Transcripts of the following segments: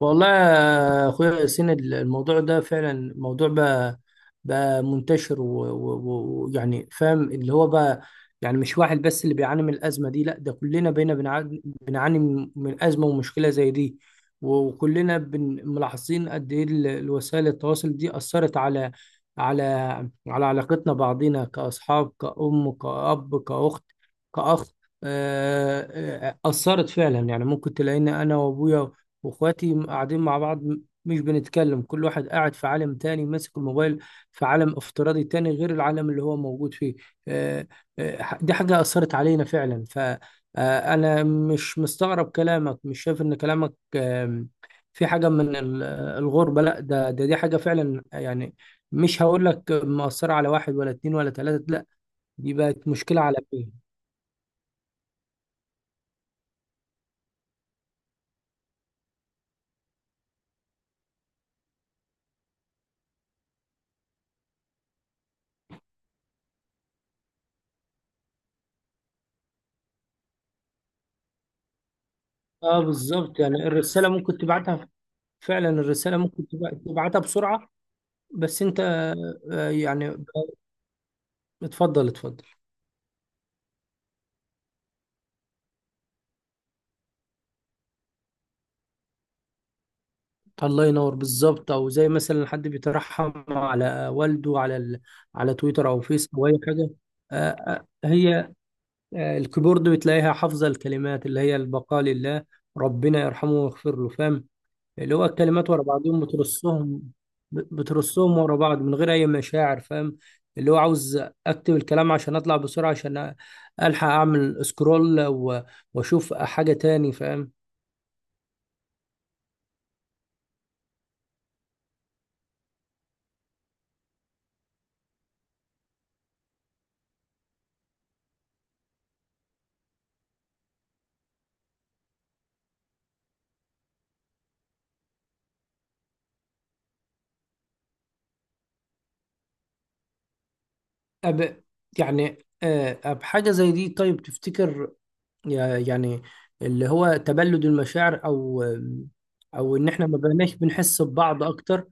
والله يا اخويا ياسين، الموضوع ده فعلا موضوع بقى منتشر و- و- ويعني فاهم اللي هو بقى. يعني مش واحد بس اللي بيعاني من الازمه دي، لا ده كلنا بقينا بنعاني من ازمه ومشكله زي دي. وكلنا ملاحظين قد ايه الوسائل التواصل دي اثرت على على على علاقتنا بعضينا، كاصحاب، كأم، كأب، كأخت، كأخ. آه، أثرت فعلا. يعني ممكن تلاقيني أنا وأبويا واخواتي قاعدين مع بعض، مش بنتكلم، كل واحد قاعد في عالم تاني ماسك الموبايل، في عالم افتراضي تاني غير العالم اللي هو موجود فيه. آه، دي حاجة أثرت علينا فعلا، فأنا مش مستغرب كلامك، مش شايف إن كلامك في حاجة من الغربة. لا ده دي حاجة فعلا يعني مش هقول لك مؤثرة على واحد ولا اتنين ولا تلاتة، لا دي بقت مشكلة عالمية. اه بالظبط، يعني الرسالة ممكن تبعتها، فعلا الرسالة ممكن تبعتها بسرعة. بس انت يعني. اتفضل اتفضل. الله ينور، بالظبط، او زي مثلا حد بيترحم على والده، على ال... على تويتر او فيس او اي حاجه. هي الكيبورد بتلاقيها حافظه الكلمات اللي هي: البقاء لله، ربنا يرحمه ويغفر له. فاهم؟ اللي هو الكلمات ورا بعضهم بترصهم، بترصهم ورا بعض من غير اي مشاعر. فاهم؟ اللي هو عاوز اكتب الكلام عشان اطلع بسرعه، عشان الحق اعمل سكرول و... واشوف حاجه تاني. فاهم؟ أب. يعني أب حاجة زي دي. طيب تفتكر، يعني اللي هو تبلد المشاعر، أو أو إن إحنا ما بقناش بنحس ببعض أكتر؟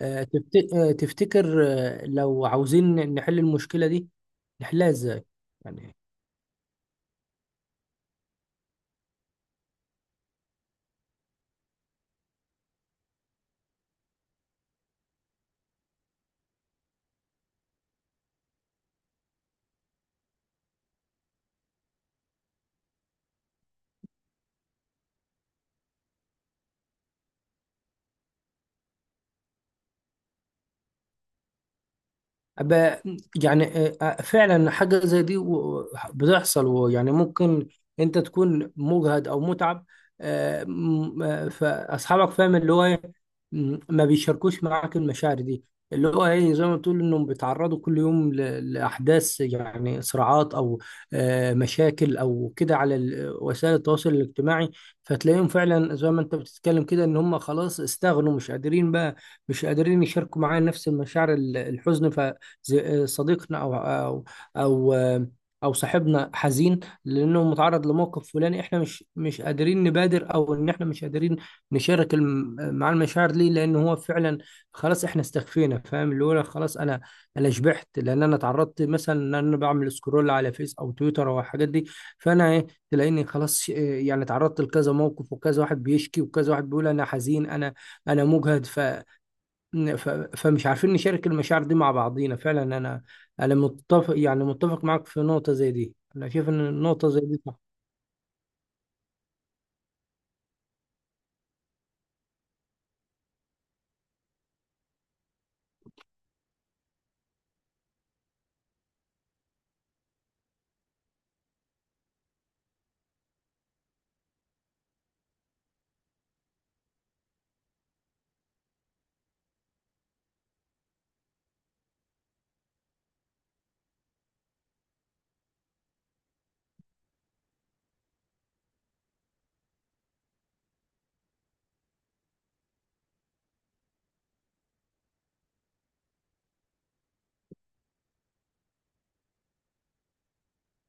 تفتكر لو عاوزين نحل المشكلة دي نحلها إزاي؟ يعني أب- يعني، فعلا حاجة زي دي بتحصل، ويعني ممكن انت تكون مجهد او متعب. فاصحابك، فاهم اللي هو ايه، ما بيشاركوش معاك المشاعر دي. اللي هو ايه زي ما تقول، انهم بيتعرضوا كل يوم لاحداث، يعني صراعات او مشاكل او كده على وسائل التواصل الاجتماعي. فتلاقيهم فعلا زي ما انت بتتكلم كده، ان هم خلاص استغنوا، مش قادرين بقى، مش قادرين يشاركوا معايا نفس المشاعر. الحزن، صديقنا او او صاحبنا حزين لانه متعرض لموقف فلاني، احنا مش قادرين نبادر، او ان احنا مش قادرين نشارك مع المشاعر دي، لان هو فعلا خلاص احنا استكفينا. فاهم اللي هو أنا خلاص، انا شبعت، لان انا اتعرضت مثلا ان انا بعمل سكرول على فيس او تويتر او الحاجات دي. فانا ايه، تلاقيني خلاص، إيه، يعني اتعرضت لكذا موقف، وكذا واحد بيشكي، وكذا واحد بيقول انا حزين، انا مجهد. ف- فمش عارفين نشارك المشاعر دي مع بعضينا فعلا. انا متفق، يعني متفق معاك في نقطة زي دي، انا شايف ان النقطة زي دي صح.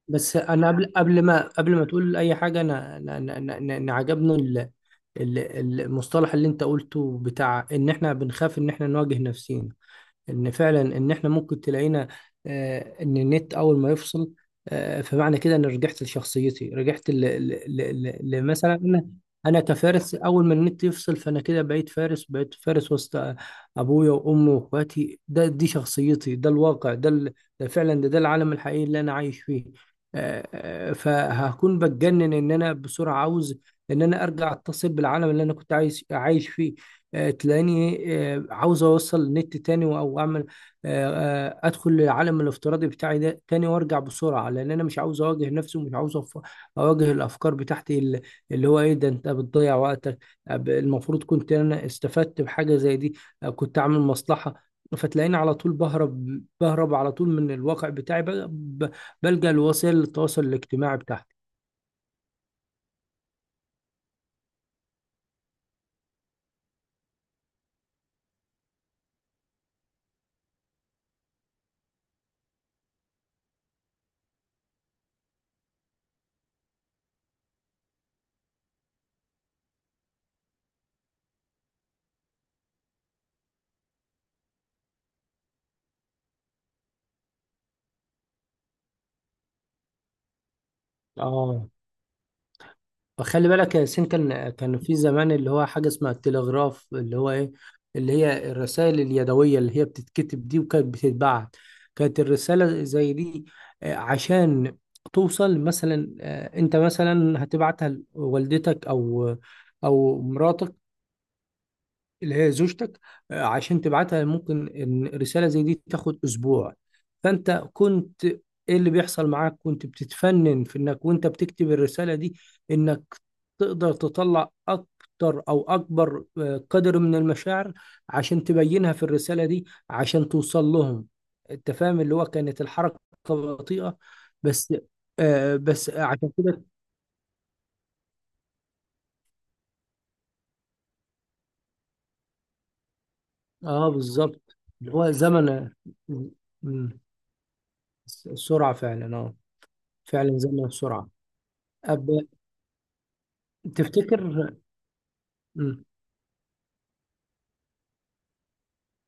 بس انا قبل ما تقول اي حاجة، أنا عجبني المصطلح اللي انت قلته، بتاع ان احنا بنخاف ان احنا نواجه نفسينا. ان فعلا ان احنا ممكن تلاقينا ان النت اول ما يفصل، فمعنى كده ان رجعت لشخصيتي، رجعت لمثلا انا، انا كفارس. اول ما النت يفصل فانا كده بقيت فارس، بقيت فارس وسط ابويا وامي واخواتي. دي شخصيتي، ده الواقع، ده فعلا ده العالم الحقيقي اللي انا عايش فيه. فهكون بتجنن ان انا بسرعة عاوز ان انا ارجع اتصل بالعالم اللي انا كنت عايش فيه. تلاقيني عاوز اوصل النت تاني او اعمل ادخل العالم الافتراضي بتاعي ده تاني وارجع بسرعه، لان انا مش عاوز اواجه نفسي، ومش عاوز اواجه الافكار بتاعتي، اللي اللي هو ايه، ده انت بتضيع وقتك. المفروض كنت انا استفدت بحاجه زي دي، كنت اعمل مصلحه. فتلاقيني على طول بهرب، بهرب على طول من الواقع بتاعي، ب- بلجأ لوسائل التواصل الاجتماعي بتاعتي. اه، خلي بالك يا ياسين، كان في زمان اللي هو حاجة اسمها التلغراف، اللي هو ايه، اللي هي الرسائل اليدوية اللي هي بتتكتب دي، وكانت بتتبعت. كانت الرسالة زي دي عشان توصل مثلا، انت مثلا هتبعتها لوالدتك او او مراتك اللي هي زوجتك، عشان تبعتها ممكن إن رسالة زي دي تاخد أسبوع. فأنت كنت، إيه اللي بيحصل معاك، كنت بتتفنن في إنك وأنت بتكتب الرسالة دي، إنك تقدر تطلع أكتر أو أكبر قدر من المشاعر عشان تبينها في الرسالة دي، عشان توصل لهم. أنت فاهم اللي هو كانت الحركة بطيئة. بس. آه بس عشان كده. اه بالظبط، اللي هو زمن. مم، السرعة فعلا، اه، فعلا زي ما بسرعة. أب... تفتكر. مم.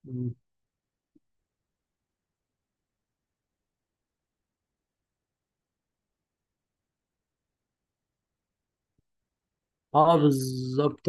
مم. اه بالظبط.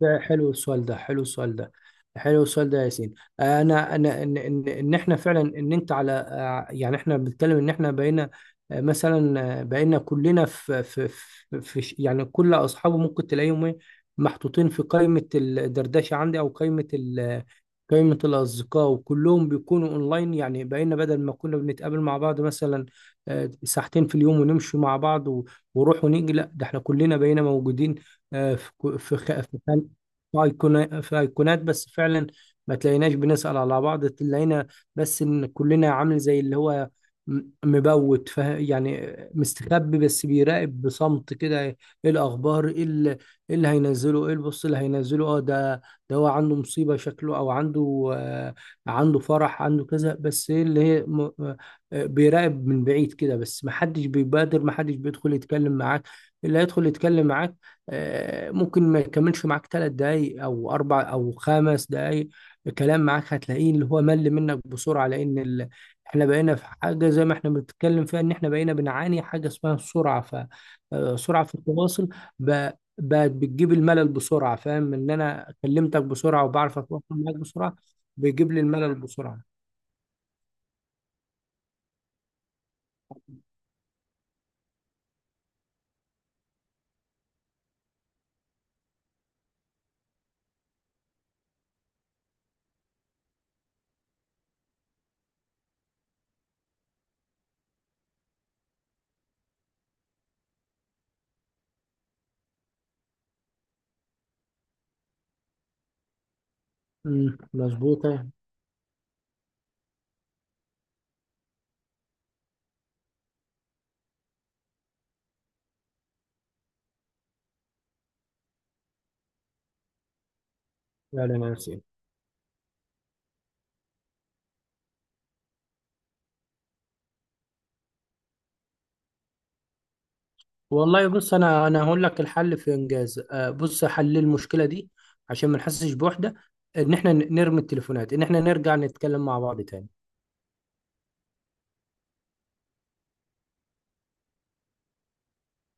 ده حلو السؤال، ده يا ياسين. انا انا ان ان إن احنا فعلا، ان انت على يعني احنا بنتكلم ان احنا بقينا مثلا بقينا كلنا في يعني، كل اصحابه ممكن تلاقيهم إيه؟ محطوطين في قائمة الدردشة عندي، او قائمة قائمة الأصدقاء، وكلهم بيكونوا أونلاين. يعني بقينا بدل ما كنا بنتقابل مع بعض مثلا ساعتين في اليوم، ونمشي مع بعض وروح ونيجي، لا ده احنا كلنا بقينا موجودين آه، في كو- في خ- في خل- في أيقونة- في ايقونات بس. فعلا ما تلاقيناش بنسأل على بعض، تلاقينا بس ان كلنا عامل زي اللي هو مبوت، يعني مستخبي بس بيراقب بصمت كده: ايه الاخبار، ايه إيه اللي هينزله، ايه البص اللي هينزله. اه ده هو عنده مصيبة شكله، او عنده آه، عنده فرح، عنده كذا. بس ايه اللي هي، بيراقب من بعيد كده بس، محدش بيبادر، محدش بيدخل يتكلم معاك. اللي هيدخل يتكلم معاك ممكن ما يكملش معاك ثلاث دقايق او اربع او خمس دقايق كلام معاك، هتلاقيه اللي هو مل منك بسرعة، لان ال... احنا بقينا في حاجة زي ما احنا بنتكلم فيها، ان احنا بقينا بنعاني حاجة اسمها السرعة، ف سرعة في التواصل ب... بقت بتجيب الملل بسرعة. فاهم ان انا كلمتك بسرعة، وبعرف اتواصل معاك بسرعة، بيجيب لي الملل بسرعة. مظبوطة فعلا يا ياسين. والله بص، انا هقول لك الحل في انجاز، بص، حل المشكله دي عشان ما نحسش بوحده: ان احنا نرمي التليفونات، ان احنا نرجع نتكلم مع بعض تاني.